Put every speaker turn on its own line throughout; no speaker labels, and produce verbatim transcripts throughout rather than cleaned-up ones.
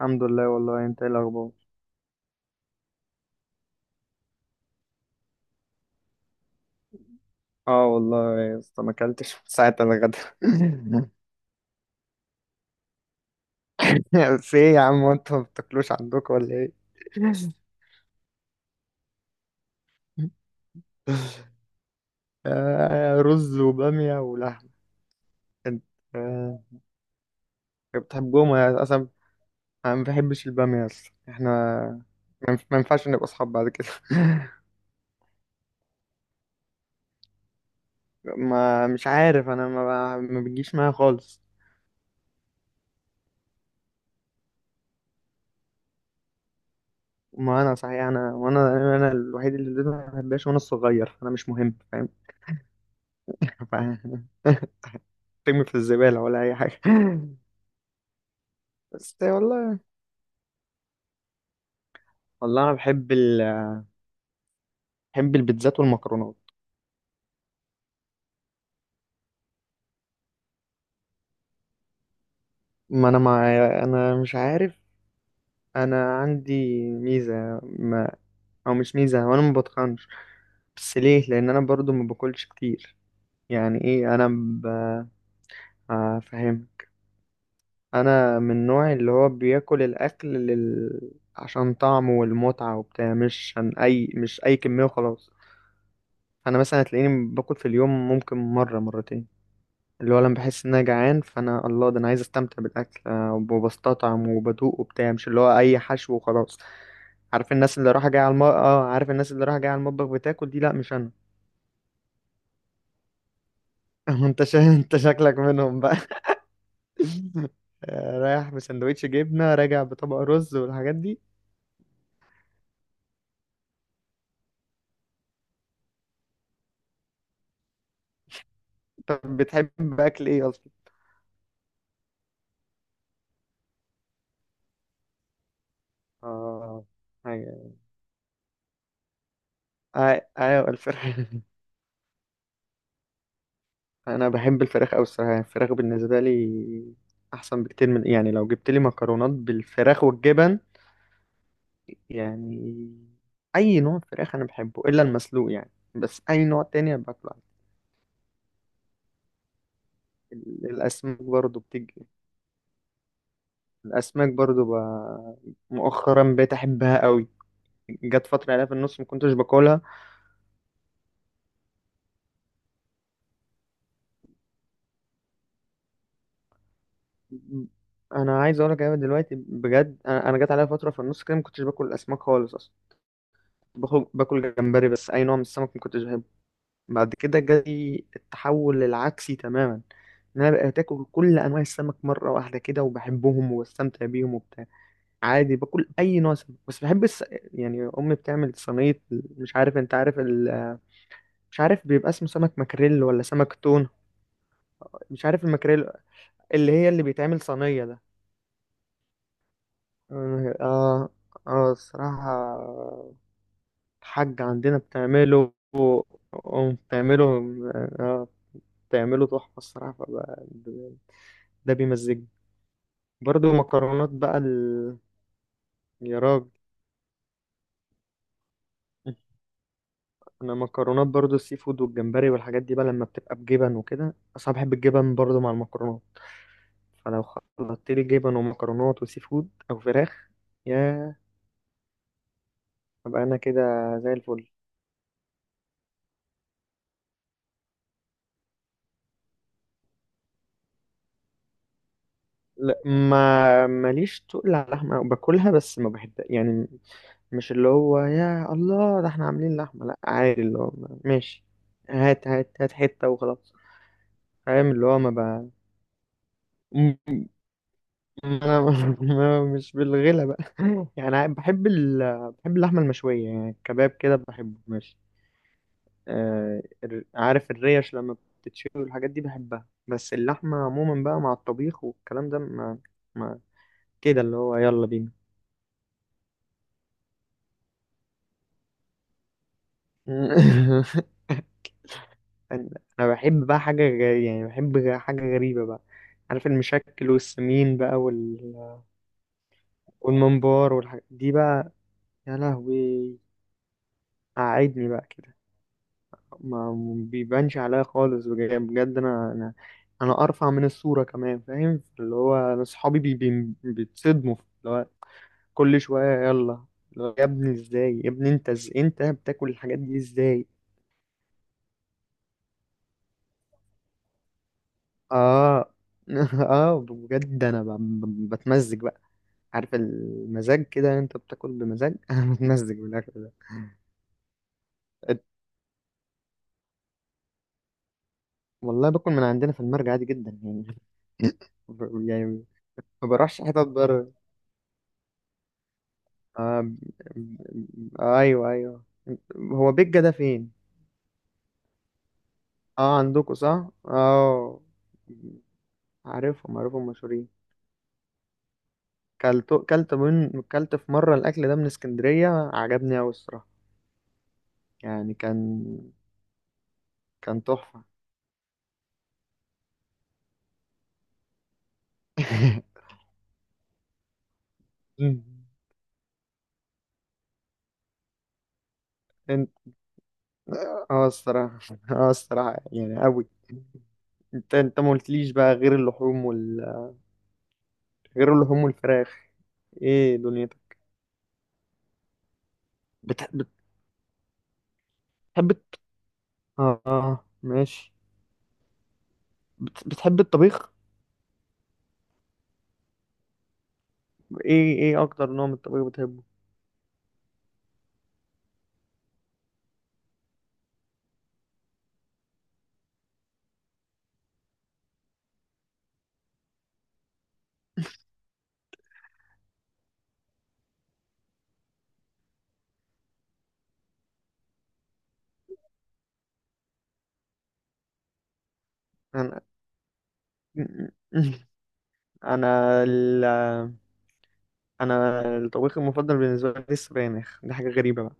الحمد لله. والله انت ايه الاخبار؟ اه والله يا اسطى ما اكلتش من ساعه الغدا. في ايه يا عم، انتوا ما بتاكلوش عندكم ولا ايه؟ آه، رز وباميه ولحم. انت آه، بتحبهم يا اصلا؟ انا ما بحبش الباميه اصلا. احنا ما ينف- ما ينفعش نبقى اصحاب بعد كده. ما مش عارف، انا ما, ما بتجيش معايا خالص. ما انا صحيح، انا وانا انا الوحيد اللي ما بحبهاش، وانا الصغير انا مش مهم، فاهم؟ ترمي في الزبالة ولا أي حاجة. بس والله، والله أنا بحب ال... بحب البيتزات والمكرونات. ما أنا مع... أنا مش عارف. أنا عندي ميزة ما... أو مش ميزة، وأنا ما بتخنش، بس ليه؟ لأن أنا برضو ما باكلش كتير. يعني إيه أنا ب... آه، فاهم. أنا من النوع اللي هو بياكل الأكل لل... عشان طعمه والمتعة وبتاع، مش عن أي، مش أي كمية وخلاص. أنا مثلا هتلاقيني باكل في اليوم ممكن مرة مرتين، اللي هو لما بحس ان انا جعان، فانا الله ده انا عايز استمتع بالاكل. آه، وبستطعم وبدوق وبتاع، مش اللي هو اي حشو وخلاص. عارف الناس اللي رايحه جايه على الم... اه عارف الناس اللي رايحه جايه على المطبخ بتاكل دي؟ لا مش انا. انت شا... انت شكلك منهم بقى. آه، رايح بسندوتش جبنه راجع بطبق رز والحاجات دي. طب بتحب اكل ايه اصلا؟ اه حاجه. آه، ايوه الفراخ. انا بحب الفراخ قوي الصراحه. يعني الفراخ بالنسبه لي احسن بكتير من، يعني لو جبت لي مكرونات بالفراخ والجبن. يعني اي نوع فراخ انا بحبه الا المسلوق يعني، بس اي نوع تاني أنا باكله عادي. ال- الاسماك برضو بتيجي. الاسماك برضو ب... مؤخرا بقيت احبها قوي. جت فتره عليها في النص ما كنتش باكلها. انا عايز اقول لك، انا دلوقتي بجد، انا أنا جت عليها فتره في النص كده ما كنتش باكل الاسماك خالص اصلا. كنت باكل باكل جمبري بس، اي نوع من السمك ما كنتش بحبه. بعد كده جالي التحول العكسي تماما، ان انا بقيت اكل كل انواع السمك مره واحده كده، وبحبهم وبستمتع بيهم وبتاع. عادي باكل اي نوع سمك. بس بحب الس... يعني امي بتعمل صينيه، مش عارف انت عارف ال... مش عارف بيبقى اسمه سمك ماكريل ولا سمك تون. مش عارف الماكريل، اللي هي اللي بيتعمل صينيه ده. اه، اه الصراحه. الحاجة عندنا بتعمله، أم بتعمله، اه، بتعمله تحفه الصراحه. فبقى- ده بيمزجني. برضو مكرونات بقى ال... يا راجل. انا مكرونات برضو، السي فود والجمبري والحاجات دي بقى، لما بتبقى بجبن وكده، اصلا بحب الجبن برضو مع المكرونات. فلو خلطت لي جبن ومكرونات وسي فود او فراخ، يا ابقى انا كده زي الفل. لا ما ماليش تقل على اللحمه، باكلها بس ما بحب يعني، مش اللي هو يا الله ده احنا عاملين لحمه. لا عادي، اللي هو ماشي، هات هات هات حته وخلاص، فاهم؟ اللي هو ما بقى انا، ما- مش بالغلا بقى. يعني بحب ال... بحب اللحمه المشويه، يعني الكباب كده بحبه ماشي. آه... الر- عارف الريش لما بتتشوي والحاجات دي؟ بحبها. بس اللحمه عموما بقى مع الطبيخ والكلام ده ما, ما... كده، اللي هو يلا بينا. انا أنا بحب بقى حاجه غريبة، يعني بحب غ- حاجه غريبه بقى، عارف المشكل والسمين بقى وال... والممبار والحاجات دي بقى. يا لهوي قعدني بقى كده. ما بيبانش عليا خالص، بجد بجد، انا انا انا ارفع من الصوره كمان، فاهم؟ اللي هو انا اصحابي بي بي بيتصدموا، اللي هو كل شويه يلا، اللي هو يا ابني ازاي يا ابني انت ز... انت بتاكل الحاجات دي ازاي. اه. اه بجد انا ب... ب... بتمزج بقى، عارف المزاج كده؟ انت بتاكل بمزاج. انا بتمزج بالاكل ده. أت- والله باكل من عندنا في المرج عادي جدا يعني. يعني ما بروحش حتت بره. آه... ب- ب- ايوه ايوه. هو بيجا ده فين؟ اه عندكم صح، اه. عارفهم عارفهم مشهورين. كلت كلت من، كلت في مره الاكل ده من اسكندريه، عجبني قوي الصراحه. يعني كان، كان تحفه. انت، اه الصراحه، اه الصراحه يعني قوي. انت انت ما قلتليش بقى غير اللحوم وال، غير اللحوم والفراخ. ايه دنيتك؟ بت... بتحب الت- اه آه، ماشي. بت... بتحب الطبيخ. ايه ايه اكتر نوع من الطبيخ بتحبه؟ انا، انا ال... انا الطبيخ المفضل بالنسبه لي السبانخ. دي حاجه غريبه بقى.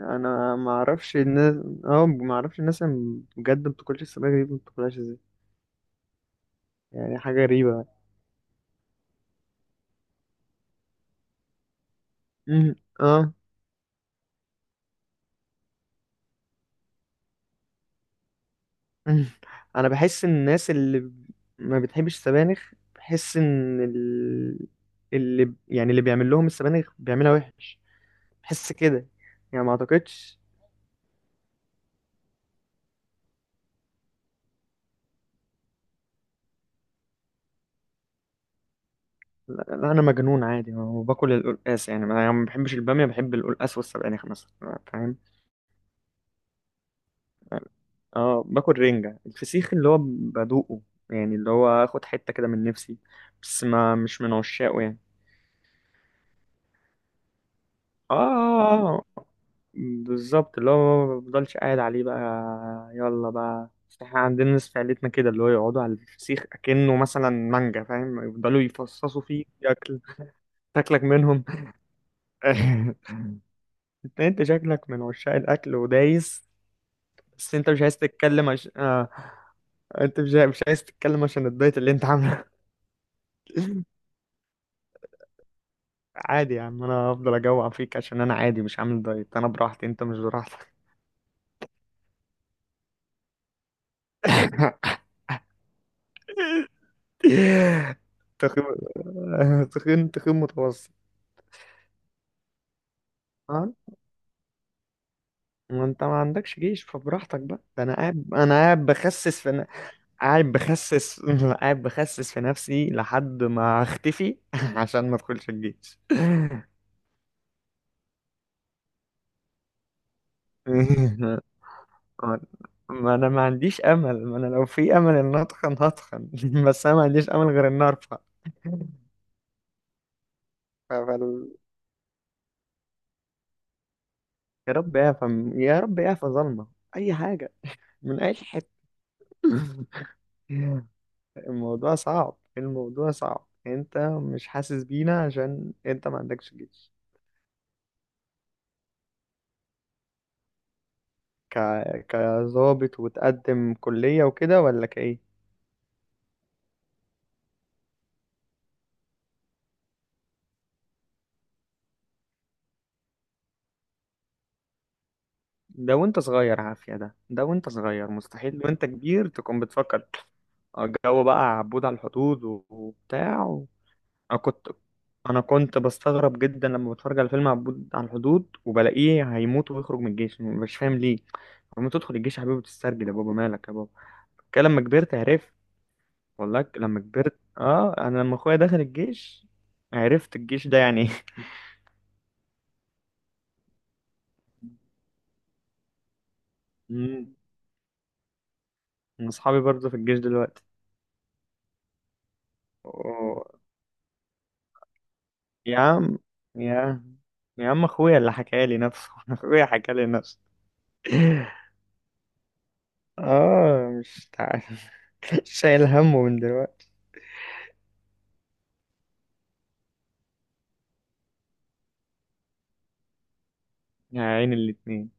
انا ما اعرفش الناس، اه ما اعرفش الناس اللي بجد ما بتاكلش السبانخ دي ما بتاكلهاش ازاي، يعني حاجه غريبه. مم. اه. مم. انا بحس ان الناس اللي ما بتحبش السبانخ، بحس ان ال... اللي يعني اللي بيعمل لهم السبانخ بيعملها وحش، بحس كده يعني. ما اعتقدش، لا لا، انا مجنون عادي وباكل القلقاس، يعني انا ما بحبش الباميه بحب القلقاس والسبانخ مثلا، فاهم؟ اه باكل رنجة، الفسيخ اللي هو بدوقه، يعني اللي هو اخد حتة كده من نفسي، بس ما مش من عشاقه يعني. اه بالظبط، اللي هو ما بفضلش قاعد عليه بقى، يلا بقى. بس احنا عندنا ناس في عيلتنا كده، اللي هو يقعدوا على الفسيخ اكنه مثلا مانجا، فاهم؟ يفضلوا يفصصوا فيه ياكل. تاكلك منهم. انت شكلك من عشاق الاكل ودايس. بس انت مش عايز تتكلم عش... آه. انت مش مش عايز تتكلم عشان الدايت اللي انت عامله. عادي يا عم، انا هفضل اجوع فيك، عشان انا عادي مش عامل دايت، انا براحتي انت مش براحتك. تخين، تخين تخين متوسط. ها ما انت ما عندكش جيش، فبراحتك بقى. ده انا قاعد، انا قاعد بخسس في ن- قاعد بخسس. قاعد بخسس في نفسي لحد ما اختفي عشان ما ادخلش الجيش. آه، ما انا ما عنديش امل، ما انا لو في امل ان اتخن هتخن. بس انا ما عنديش امل غير ان ارفع. ف- فال... يا رب اعفى، يا رب اعفى ظلمة، اي حاجة من اي حتة. الموضوع صعب، الموضوع صعب، انت مش حاسس بينا عشان انت ما عندكش جيش. ك... كظابط وتقدم كلية وكده ولا كايه؟ ده وانت صغير عافية. ده ده وانت صغير، مستحيل وانت كبير تكون بتفكر. آه، الجو بقى عبود على الحدود و- وبتاع و... انا كنت، انا كنت بستغرب جدا لما بتفرج على فيلم عبود على الحدود، وبلاقيه هيموت ويخرج من الجيش، مش فاهم ليه. لما تدخل الجيش يا حبيبي بتسترجل، يا بابا مالك يا بابا. كان لما كبرت عرفت. والله ك- لما كبرت اه، انا لما اخويا دخل الجيش عرفت الجيش ده يعني ايه. مم. من اصحابي برضه في الجيش. دلوقتي يا عم، يا يا عم اخويا اللي حكى لي نفسه. اخويا حكى لي نفسه. اه مش تعال. شايل همه من دلوقتي. يا عين الاتنين.